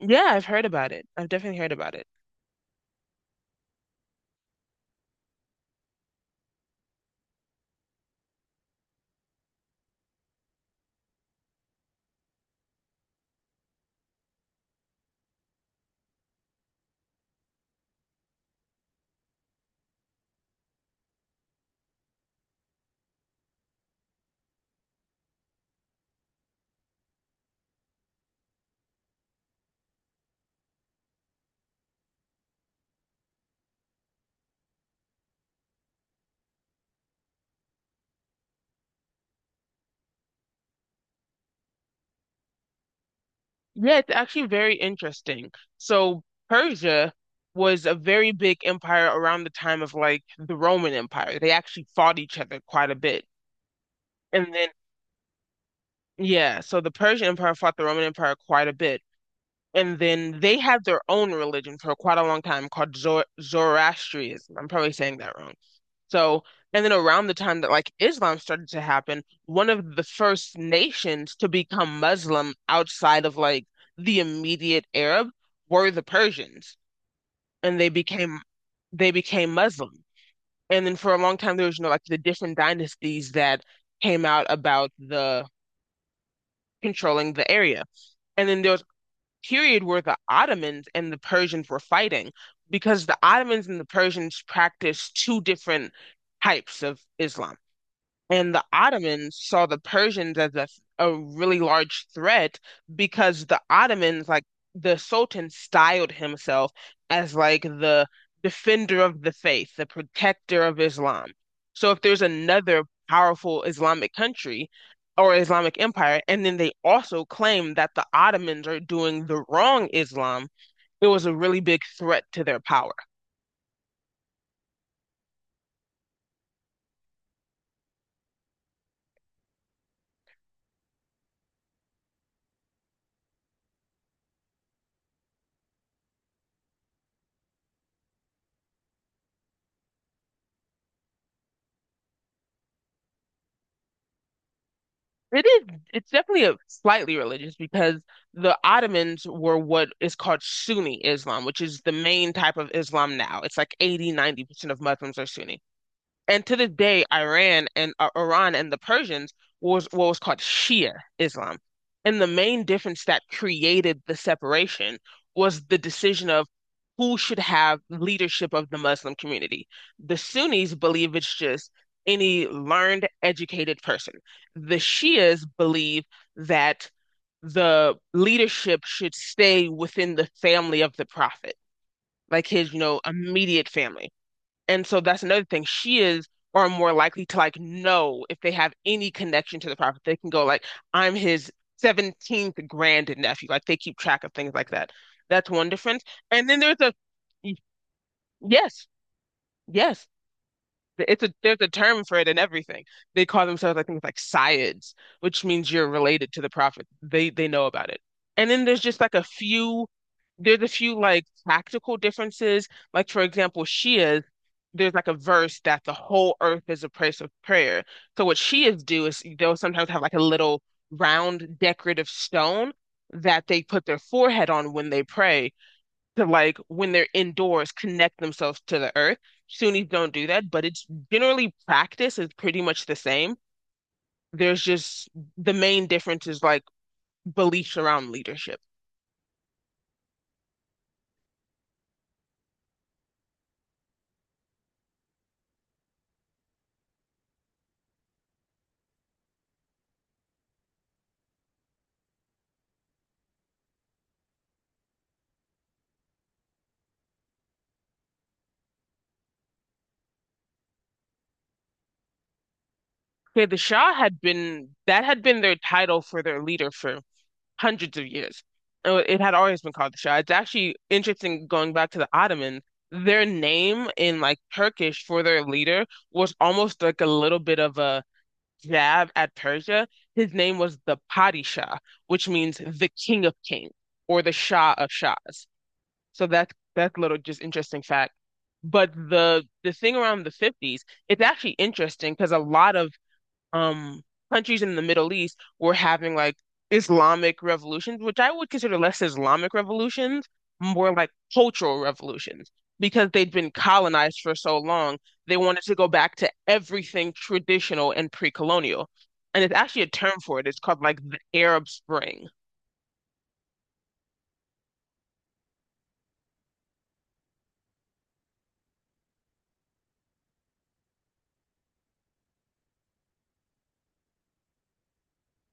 Yeah, I've heard about it. I've definitely heard about it. Yeah, it's actually very interesting. So Persia was a very big empire around the time of like the Roman Empire. They actually fought each other quite a bit. And then, yeah, so the Persian Empire fought the Roman Empire quite a bit. And then they had their own religion for quite a long time called Zoroastrianism. I'm probably saying that wrong. So, and then around the time that like Islam started to happen, one of the first nations to become Muslim outside of like the immediate Arab were the Persians, and they became Muslim. And then for a long time there was like the different dynasties that came out about the controlling the area. And then there was period where the Ottomans and the Persians were fighting because the Ottomans and the Persians practiced two different types of Islam. And the Ottomans saw the Persians as a really large threat because the Ottomans, like the Sultan, styled himself as like the defender of the faith, the protector of Islam. So if there's another powerful Islamic country or Islamic empire, and then they also claim that the Ottomans are doing the wrong Islam, it was a really big threat to their power. It is. It's definitely a slightly religious because the Ottomans were what is called Sunni Islam, which is the main type of Islam now. It's like 80, 90% of Muslims are Sunni. And to this day, Iran and the Persians was what was called Shia Islam. And the main difference that created the separation was the decision of who should have leadership of the Muslim community. The Sunnis believe it's just any learned, educated person. The Shias believe that the leadership should stay within the family of the prophet, like his immediate family. And so that's another thing. She is are more likely to like know if they have any connection to the prophet. They can go like, I'm his 17th grandnephew. Like they keep track of things like that. That's one difference. And then there's a, yes, yes. It's a there's a term for it and everything. They call themselves, I think like Syids, which means you're related to the prophet. They know about it. And then there's just like a few there's a few like practical differences. Like for example, Shias, there's like a verse that the whole earth is a place of prayer. So what Shias do is they'll sometimes have like a little round decorative stone that they put their forehead on when they pray to like when they're indoors connect themselves to the earth. Sunnis don't do that, but it's generally, practice is pretty much the same. There's just the main difference is like beliefs around leadership. Okay, the Shah had been their title for their leader for hundreds of years. It had always been called the Shah. It's actually interesting going back to the Ottoman. Their name in like Turkish for their leader was almost like a little bit of a jab at Persia. His name was the Padishah, which means the King of Kings or the Shah of Shahs. So that's little just interesting fact. But the thing around the 50s, it's actually interesting because a lot of um countries in the Middle East were having like Islamic revolutions, which I would consider less Islamic revolutions, more like cultural revolutions, because they'd been colonized for so long, they wanted to go back to everything traditional and pre-colonial. And it's actually a term for it. It's called like the Arab Spring.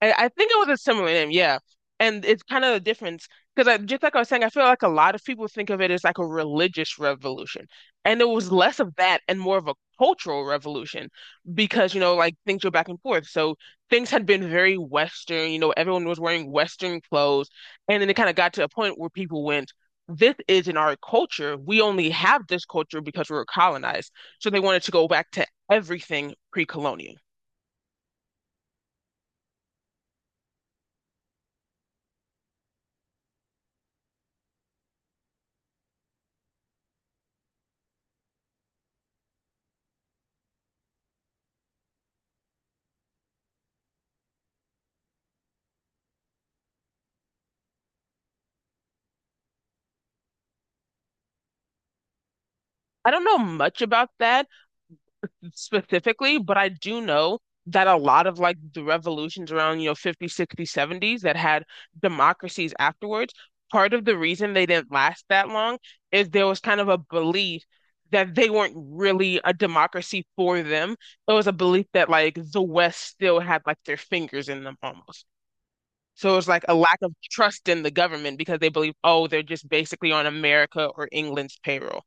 I think it was a similar name, yeah. And it's kind of the difference because just like I was saying, I feel like a lot of people think of it as like a religious revolution, and it was less of that and more of a cultural revolution because like things were back and forth. So things had been very Western, everyone was wearing Western clothes, and then it kind of got to a point where people went. This isn't our culture. We only have this culture because we were colonized. So they wanted to go back to everything pre-colonial. I don't know much about that, specifically, but I do know that a lot of like the revolutions around, 50, 60, 70s that had democracies afterwards, part of the reason they didn't last that long is there was kind of a belief that they weren't really a democracy for them. It was a belief that like the West still had like their fingers in them almost. So it was like a lack of trust in the government because they believed, oh, they're just basically on America or England's payroll.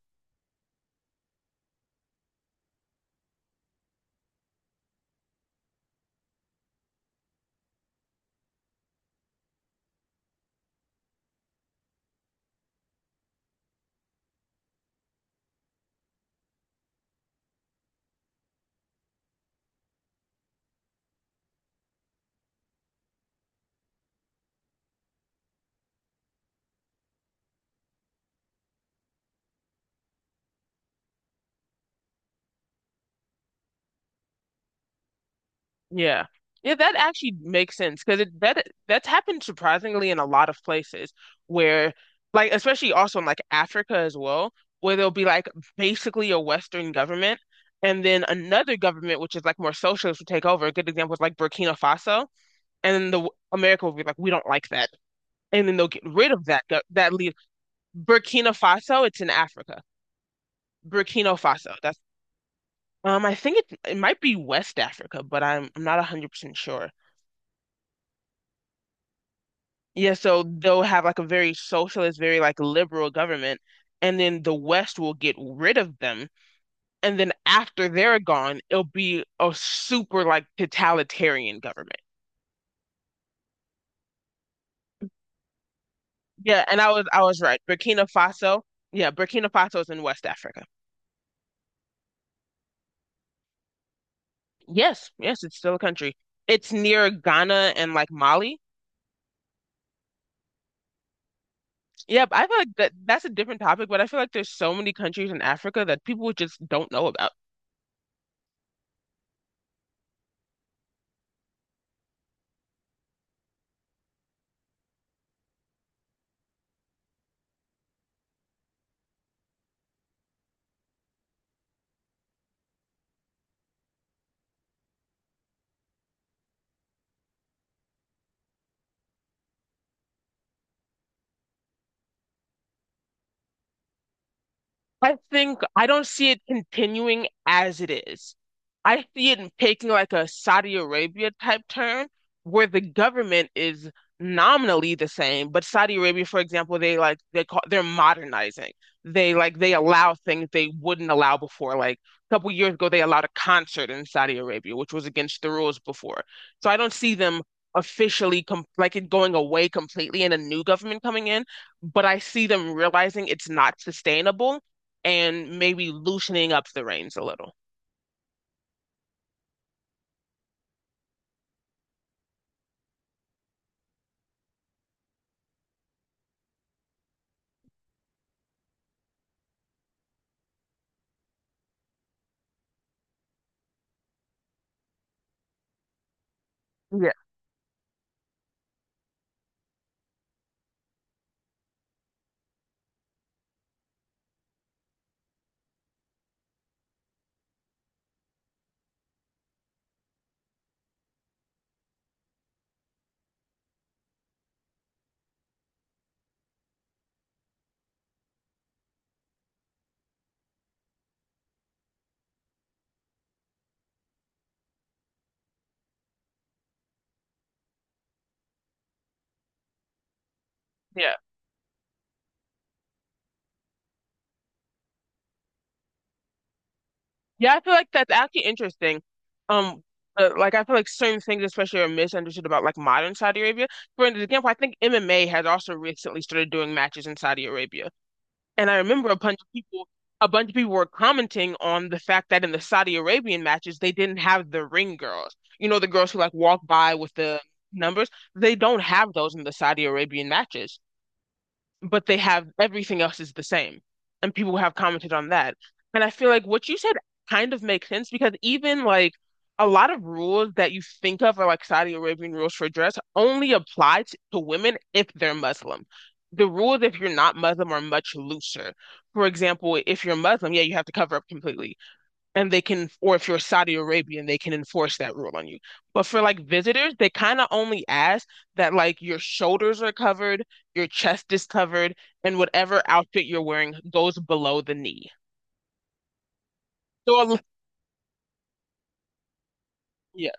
Yeah. Yeah, that actually makes sense because it that that's happened surprisingly in a lot of places where like especially also in like Africa as well, where there'll be like basically a Western government and then another government which is like more socialist will take over. A good example is like Burkina Faso, and then the America will be like, we don't like that, and then they'll get rid of that lead. Burkina Faso, it's in Africa. Burkina Faso. That's, I think it might be West Africa, but I'm not 100% sure. Yeah, so they'll have like a very socialist, very like liberal government, and then the West will get rid of them. And then after they're gone, it'll be a super like totalitarian government. Yeah, and I was right. Burkina Faso, yeah, Burkina Faso is in West Africa. Yes, yes, it's still a country. It's near Ghana and like Mali. Yeah, but I feel like that's a different topic, but I feel like there's so many countries in Africa that people just don't know about. I think I don't see it continuing as it is. I see it taking like a Saudi Arabia type turn where the government is nominally the same, but Saudi Arabia, for example, they're modernizing. They allow things they wouldn't allow before. Like a couple years ago, they allowed a concert in Saudi Arabia, which was against the rules before. So I don't see them officially com like it going away completely and a new government coming in, but I see them realizing it's not sustainable and maybe loosening up the reins a little. Yeah. Yeah. Yeah, I feel like that's actually interesting. Um, like I feel like certain things, especially, are misunderstood about like modern Saudi Arabia. For an example, I think MMA has also recently started doing matches in Saudi Arabia, and I remember a bunch of people were commenting on the fact that in the Saudi Arabian matches, they didn't have the ring girls. The girls who like walk by with the numbers. They don't have those in the Saudi Arabian matches. But they have everything else is the same. And people have commented on that. And I feel like what you said kind of makes sense because even like a lot of rules that you think of are like Saudi Arabian rules for dress only apply to women if they're Muslim. The rules if you're not Muslim are much looser. For example, if you're Muslim, yeah, you have to cover up completely and they can, or if you're Saudi Arabian, they can enforce that rule on you. But for like visitors, they kind of only ask that like your shoulders are covered, your chest is covered, and whatever outfit you're wearing goes below the knee. So, yeah.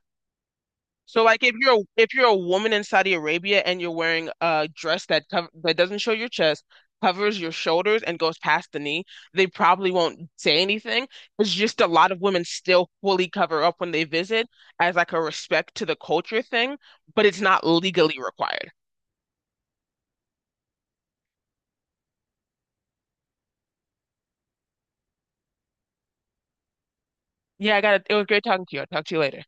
So like if you're a woman in Saudi Arabia and you're wearing a dress that doesn't show your chest, covers your shoulders and goes past the knee, they probably won't say anything. It's just a lot of women still fully cover up when they visit as like a respect to the culture thing, but it's not legally required. Yeah, I got it. It was great talking to you. I'll talk to you later.